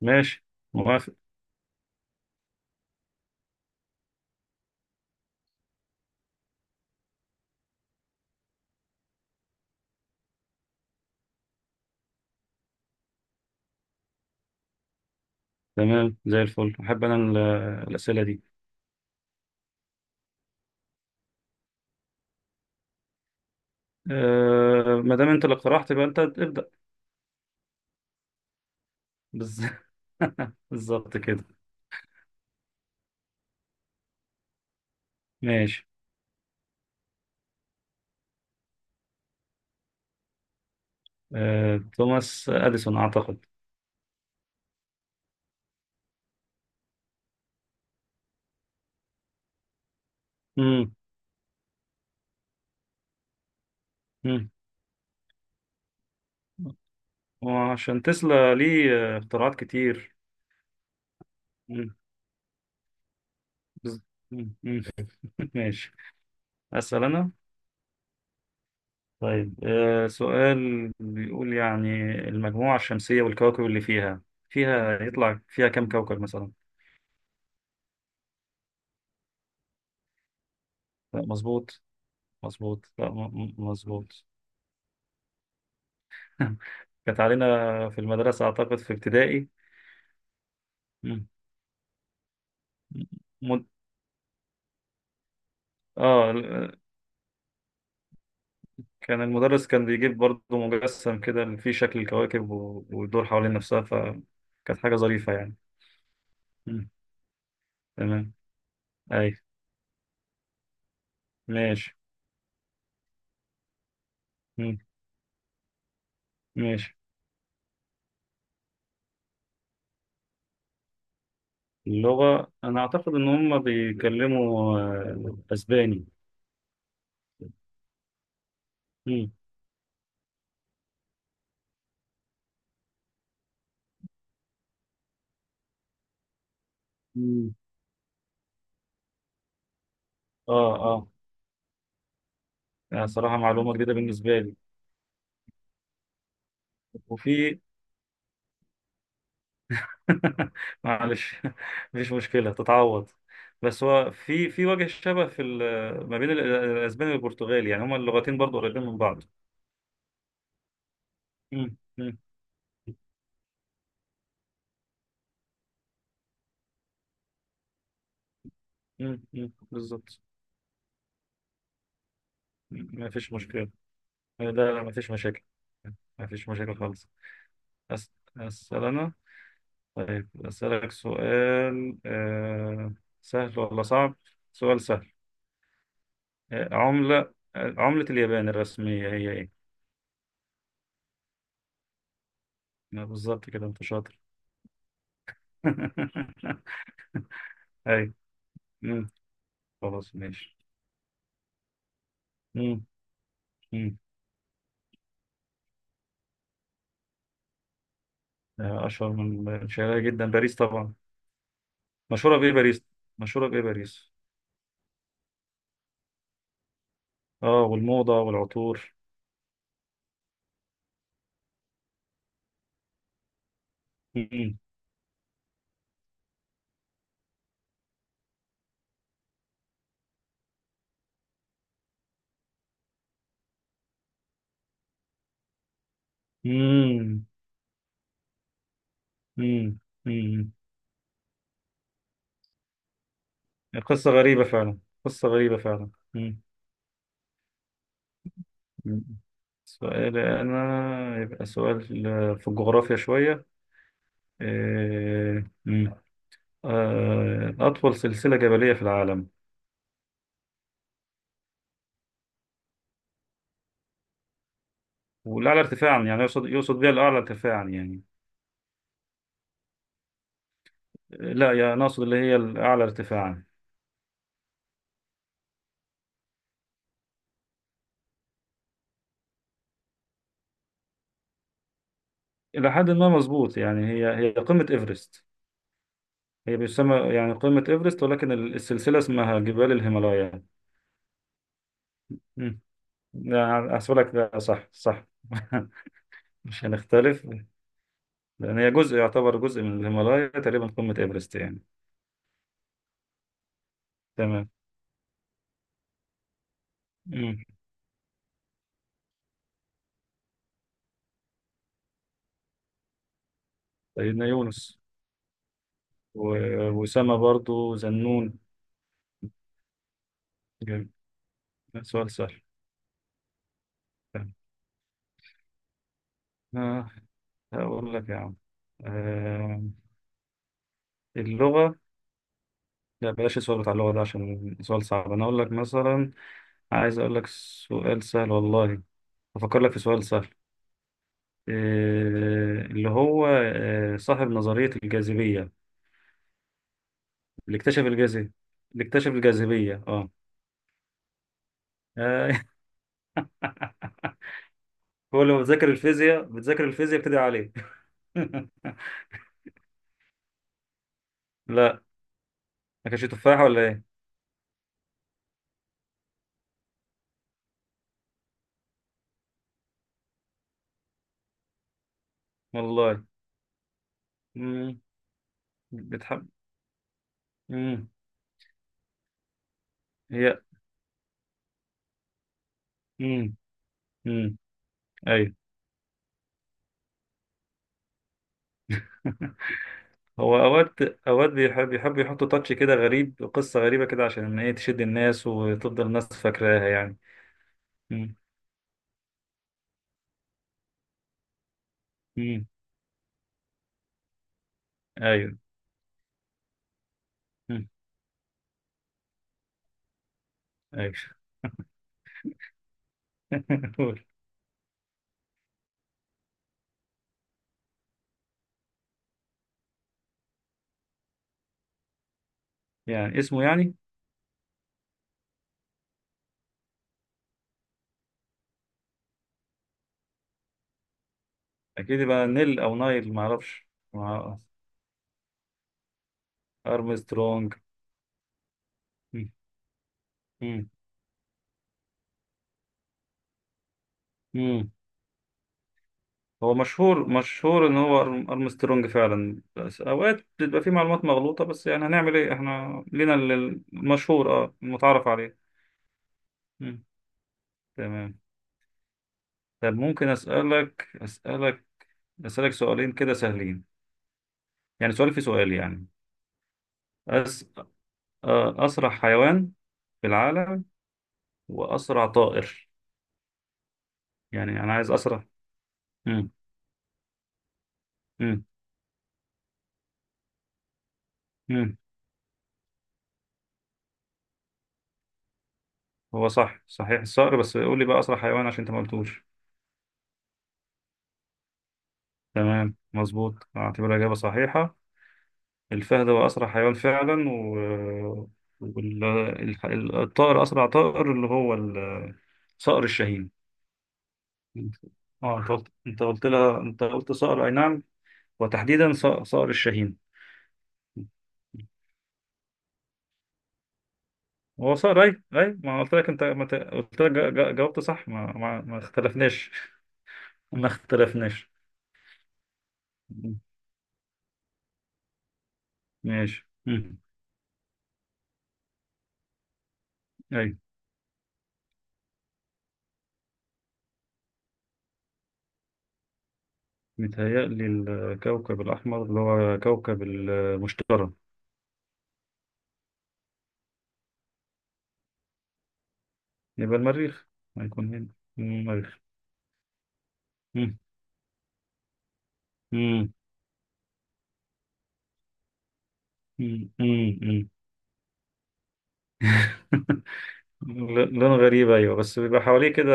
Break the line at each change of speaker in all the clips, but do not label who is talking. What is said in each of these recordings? ماشي. موافق. تمام، زي الفل. احب انا الاسئله دي. أه، ما دام انت اللي اقترحت يبقى انت ابدا. بز- بالظبط كده. ماشي. أه، توماس اديسون اعتقد. امم امم وعشان تسلا ليه اختراعات كتير. مم. بز- مم. مم. ماشي. اسال انا. طيب، سؤال بيقول يعني، المجموعه الشمسيه والكواكب اللي فيها، يطلع فيها كم كوكب مثلا. لا، مظبوط. مظبوط، لا مظبوط. كانت علينا في المدرسة أعتقد في ابتدائي. مم. مد... آه ال- المدرس كان بيجيب برضه مجسم كده اللي فيه شكل الكواكب ويدور حوالين نفسها، فكانت حاجة ظريفة يعني. مم. تمام. أي. ماشي. مم. ماشي. اللغة أنا أعتقد إن هم بيتكلموا أسباني. مم. مم. آه، آه، يعني صراحة معلومة جديدة بالنسبة لي. وفي، معلش، مفيش مشكلة، تتعوض. بس هو في وجه شبه في ما بين الاسباني والبرتغالي، يعني هما اللغتين برضو قريبين من بعض. مم، مم، مم، مم، بالظبط. ما فيش مشكلة. لا لا، ما فيش مشاكل. ما فيش مشاكل خالص. أس- أسأل أنا. طيب أسألك سؤال سهل ولا صعب؟ سؤال سهل. عملة، عملة اليابان الرسمية هي إيه؟ بالظبط كده، أنت شاطر. أي. خلاص ماشي. مم. مم. اشهر من شهرها جدا، باريس طبعا. مشهوره بايه باريس؟ مشهوره بايه باريس؟ اه، والموضه والعطور. مم. مم. مم. مم. قصه غريبه فعلا، قصه غريبه فعلا. مم. مم. سؤال انا، يبقى سؤال في الجغرافيا شويه. مم. اطول سلسله جبليه في العالم والاعلى ارتفاعا، يعني يقصد بها الاعلى ارتفاعا يعني. لا يا ناقصد اللي هي الاعلى ارتفاعا. إلى حد ما مظبوط، يعني هي قمة إيفرست. هي بيسمى يعني قمة إيفرست، ولكن السلسلة اسمها جبال الهيمالايا. مم. لا، أحسبلك، ده صح صح. مش هنختلف. لأن هي جزء، يعتبر جزء من الهيمالايا تقريبا قمة إيفرست يعني. تمام. مم. سيدنا يونس. وأسامة برضو، ذنون. جميل. سؤال سهل. تمام. آه، هقول لك يا عم، آه، اللغة. لا، بلاش السؤال بتاع اللغة ده، عشان سؤال صعب، أنا أقول لك مثلا. عايز اقول لك سؤال سهل والله، افكر لك في سؤال سهل. إيه اللي هو، إيه صاحب نظرية الجاذبية؟ اللي اكتشف الجاذبية، اللي اكتشف الجاذبية. اه. آه، هو اللي بتذاكر الفيزياء، بتدعي عليه. لا، ما كانش تفاحة ولا ايه؟ والله. امم. بتحب. امم. هي. امم. امم. ايوه. هو اوقات، بيحب، يحطوا تاتش كده غريب، قصة غريبة كده عشان ايه تشد الناس وتفضل الناس فاكراها يعني. مم. ايوه. مم. ايوه. قول. يعني اسمه يعني؟ اكيد يبقى نيل او نايل، ما اعرفش. مع- ارمسترونج. مم. مم. مم. هو مشهور مشهور ان هو ارمسترونج فعلا، بس اوقات بتبقى في معلومات مغلوطة، بس يعني هنعمل ايه، احنا لينا المشهور، المتعارف عليه. مم. تمام. طب ممكن اسالك اسالك سؤالين كده سهلين؟ يعني سؤال في سؤال يعني. أس... اسرع حيوان في العالم، واسرع طائر. يعني انا عايز اسرع. امم. امم. امم. هو صح، صحيح الصقر، بس قول لي بقى اسرع حيوان عشان انت ما قلتوش. تمام، مظبوط، اعتبرها اجابه صحيحه. الفهد هو اسرع حيوان فعلا. وال... الطائر، اسرع طائر، اللي هو صقر الشاهين. انت- اه، انت قلت، انت قلت لها انت قلت صقر، اي نعم. وتحديدا صقر الشاهين. هو صقر، اي اي ما قلت لك، انت ما ت- قلت لك، جاوبت صح، ما اختلفناش. ما اختلفناش. ماشي. مم. أيوة. متهيألي الكوكب الأحمر اللي هو كوكب المشتري. يبقى المريخ. هيكون هنا. مم، المريخ. مم. مم. مم. مم. مم. لون غريب، أيوة، بس بيبقى حواليه كده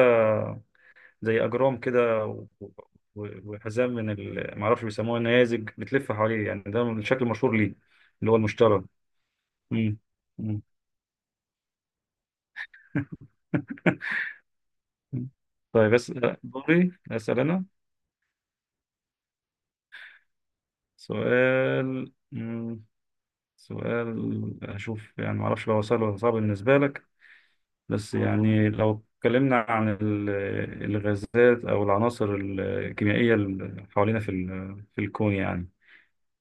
زي أجرام كده، وحزام من معرفش بيسموها النيازج بتلف حواليه، يعني ده الشكل المشهور ليه، اللي هو المشتري. مم. مم. طيب، بس دوري أسأل أنا. سؤال. مم. سؤال، أشوف يعني، معرفش لو سهل ولا صعب بالنسبة لك. بس يعني لو اتكلمنا عن الغازات أو العناصر الكيميائية اللي حوالينا في في الكون يعني،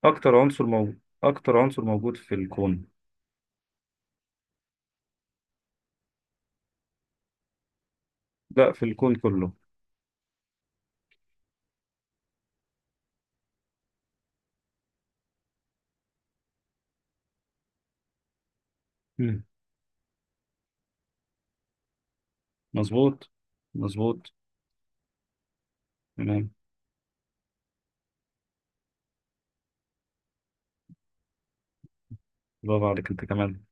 أكتر عنصر موجود، أكتر عنصر موجود في الكون. لا، في الكون كله. مم. مظبوط. مظبوط. تمام. برافو عليك أنت كمان.